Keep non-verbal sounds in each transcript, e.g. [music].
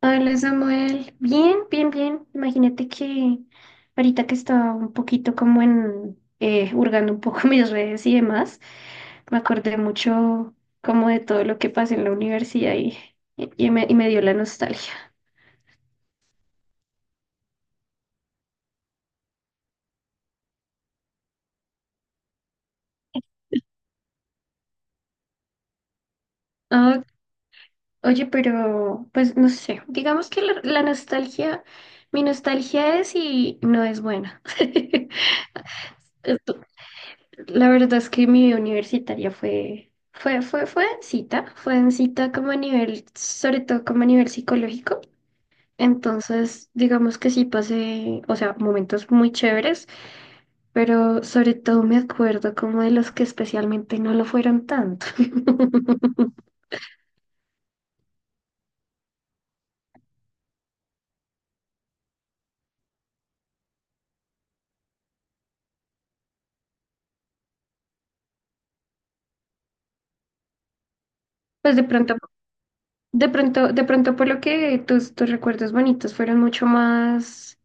Hola Samuel, bien, bien, bien. Imagínate que ahorita que estaba un poquito como hurgando un poco [laughs] mis redes y demás, me acordé mucho como de todo lo que pasé en la universidad y me dio la nostalgia. Ah, oye, pero pues no sé, digamos que la nostalgia, mi nostalgia es y no es buena. [laughs] ¿Tú, la verdad es que mi vida universitaria fue densita como a nivel, sobre todo como a nivel psicológico. Entonces, digamos que sí pasé, o sea, momentos muy chéveres, pero sobre todo me acuerdo como de los que especialmente no lo fueron tanto. [laughs] Pues de pronto, de pronto por lo que tus recuerdos bonitos fueron mucho más,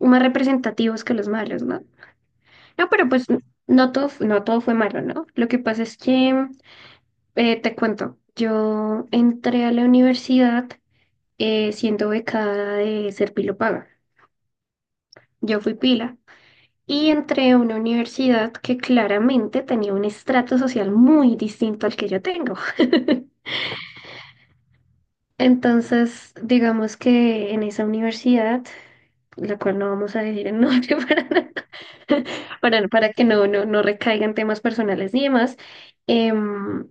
más representativos que los malos, ¿no? No, pero pues no todo fue malo, ¿no? Lo que pasa es que te cuento, yo entré a la universidad siendo becada de Serpilo Paga. Yo fui pila y entré a una universidad que claramente tenía un estrato social muy distinto al que yo tengo. [laughs] Entonces, digamos que en esa universidad la cual no vamos a decir el nombre [laughs] para, no, para que no recaigan temas personales ni demás, em,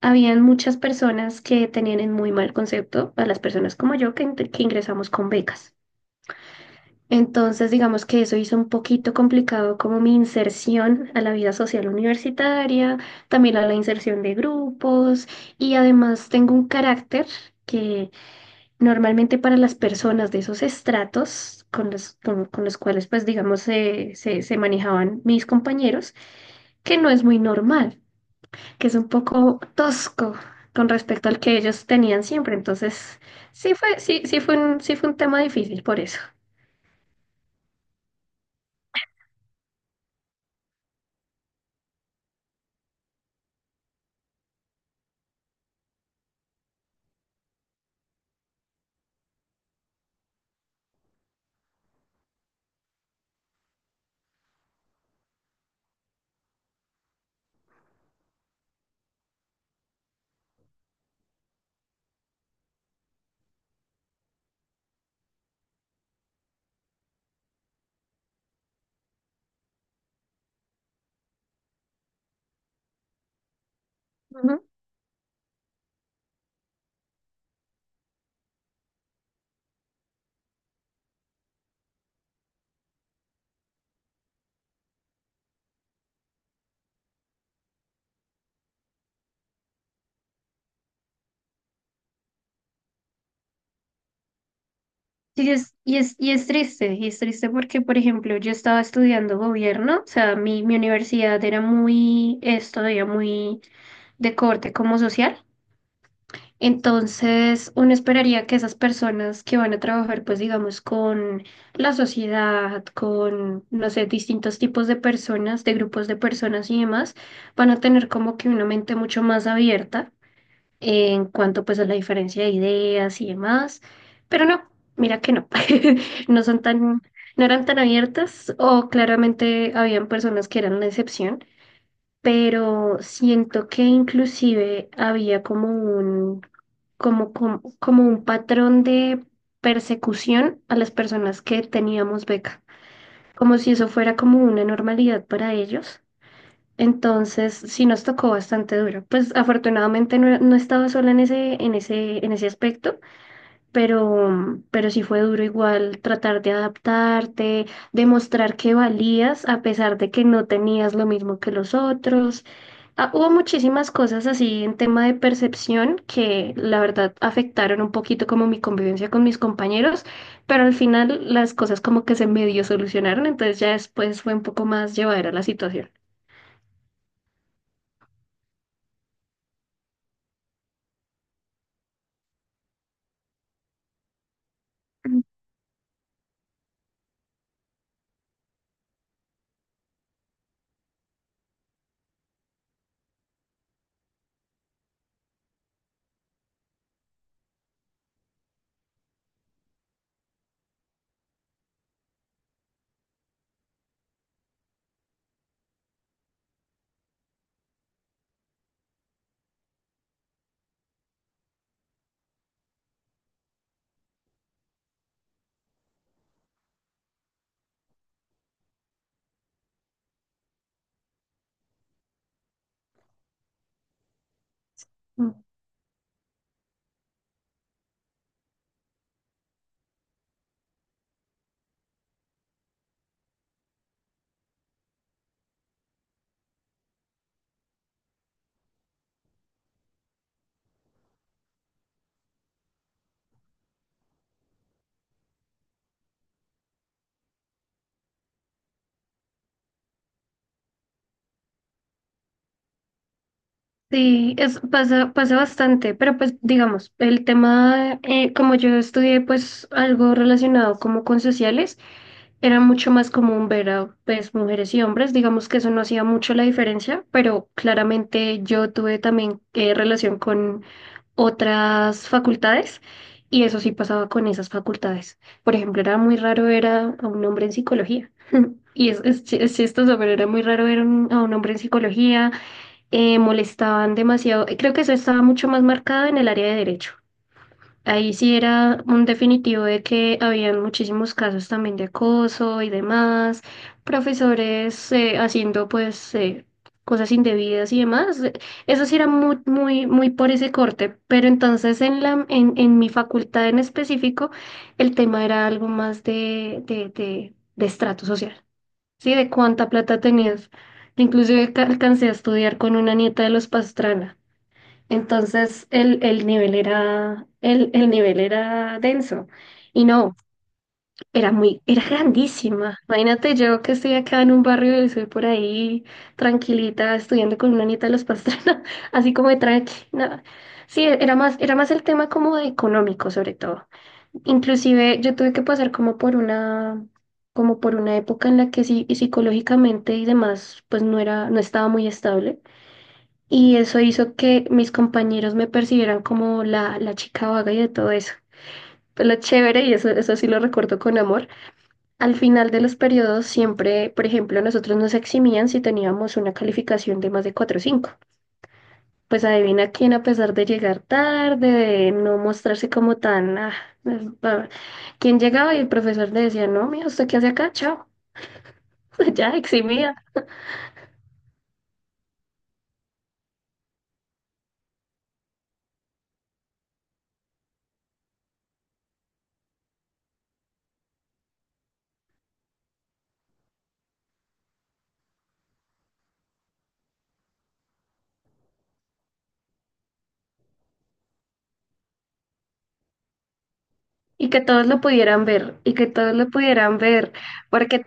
habían muchas personas que tenían en muy mal concepto a las personas como yo que ingresamos con becas. Entonces, digamos que eso hizo un poquito complicado como mi inserción a la vida social universitaria, también a la inserción de grupos y además tengo un carácter que normalmente para las personas de esos estratos con con los cuales, pues digamos, se manejaban mis compañeros, que no es muy normal, que es un poco tosco con respecto al que ellos tenían siempre. Entonces, sí fue sí fue un tema difícil por eso. Ujú. Sí, y es triste porque, por ejemplo, yo estaba estudiando gobierno, o sea, mi universidad era muy, es todavía muy de corte como social. Entonces, uno esperaría que esas personas que van a trabajar, pues digamos, con la sociedad, con, no sé, distintos tipos de personas, de grupos de personas y demás, van a tener como que una mente mucho más abierta en cuanto pues a la diferencia de ideas y demás. Pero no, mira que no, [laughs] no son tan, no eran tan abiertas, o claramente habían personas que eran la excepción, pero siento que inclusive había como un, como un patrón de persecución a las personas que teníamos beca, como si eso fuera como una normalidad para ellos. Entonces, sí nos tocó bastante duro. Pues afortunadamente no, no estaba sola en en ese aspecto, pero sí fue duro igual tratar de adaptarte, demostrar que valías a pesar de que no tenías lo mismo que los otros. Ah, hubo muchísimas cosas así en tema de percepción que la verdad afectaron un poquito como mi convivencia con mis compañeros, pero al final las cosas como que se medio solucionaron, entonces ya después fue un poco más llevadera la situación. Sí, es, pasa, pasa bastante, pero pues digamos, el tema, como yo estudié pues algo relacionado como con sociales, era mucho más común ver a pues mujeres y hombres, digamos que eso no hacía mucho la diferencia, pero claramente yo tuve también relación con otras facultades, y eso sí pasaba con esas facultades. Por ejemplo, era muy raro ver a un hombre en psicología. Y es chistoso, pero era muy raro a un hombre en psicología, molestaban demasiado. Eh, creo que eso estaba mucho más marcado en el área de derecho. Ahí sí era un definitivo de que habían muchísimos casos también de acoso y demás, profesores haciendo pues cosas indebidas y demás. Eso sí era muy, muy, muy por ese corte, pero entonces en en mi facultad en específico, el tema era algo más de estrato social. Sí, de cuánta plata tenías. Inclusive alcancé a estudiar con una nieta de los Pastrana. Entonces el nivel era, el nivel era denso. Y no, era muy, era grandísima. Imagínate yo que estoy acá en un barrio y soy por ahí tranquilita estudiando con una nieta de los Pastrana, [laughs] así como de tranqui. No. Sí, era más el tema como de económico sobre todo. Inclusive yo tuve que pasar como por una época en la que sí, y psicológicamente y demás, pues no era, no estaba muy estable. Y eso hizo que mis compañeros me percibieran como la chica vaga y de todo eso. Pues lo chévere, y eso sí lo recuerdo con amor. Al final de los periodos siempre, por ejemplo, a nosotros nos eximían si teníamos una calificación de más de 4 o cinco, pues adivina quién, a pesar de llegar tarde, de no mostrarse como tan... ah, quién llegaba y el profesor le decía, no, mira, ¿usted qué hace acá? Chao. [laughs] Ya, eximida. Y que todos lo pudieran ver, y que todos lo pudieran ver, porque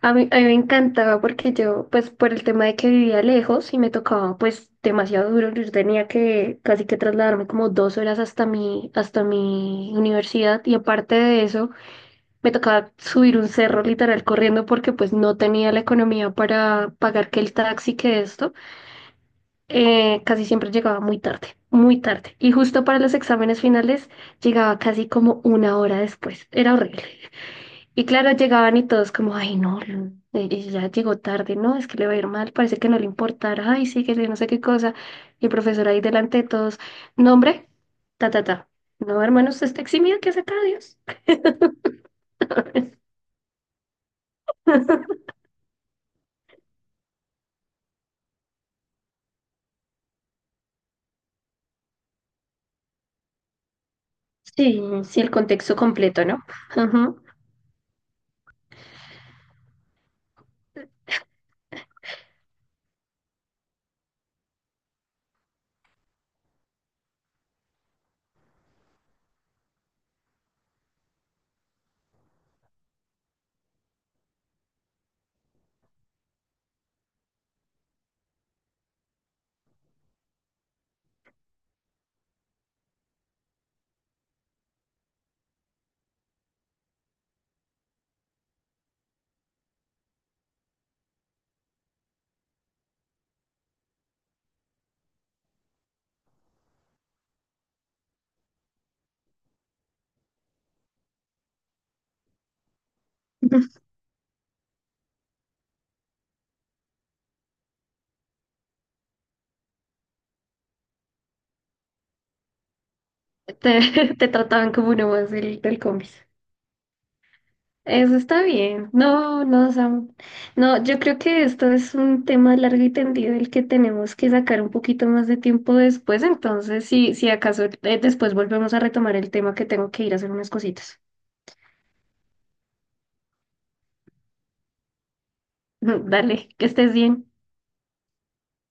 a mí me encantaba, porque yo, pues por el tema de que vivía lejos y me tocaba pues demasiado duro, yo tenía que casi que trasladarme como dos horas hasta mi universidad, y aparte de eso, me tocaba subir un cerro literal corriendo porque pues no tenía la economía para pagar que el taxi, que esto. Casi siempre llegaba muy tarde, muy tarde. Y justo para los exámenes finales llegaba casi como una hora después. Era horrible. Y claro, llegaban y todos como, ay, no, Lu, ya llegó tarde, ¿no? Es que le va a ir mal, parece que no le importara, ay, sí, que yo no sé qué cosa. Y el profesor ahí delante de todos, nombre, ta, ta, ta. No, hermano, usted está eximido, que hace acá? Dios. Sí, sí, el contexto completo, ¿no? Ajá. [laughs] Te trataban como uno más del combis. Eso está bien. No, no, Sam. No, yo creo que esto es un tema largo y tendido el que tenemos que sacar un poquito más de tiempo después. Entonces, si acaso después volvemos a retomar el tema, que tengo que ir a hacer unas cositas. [laughs] Dale, que estés bien.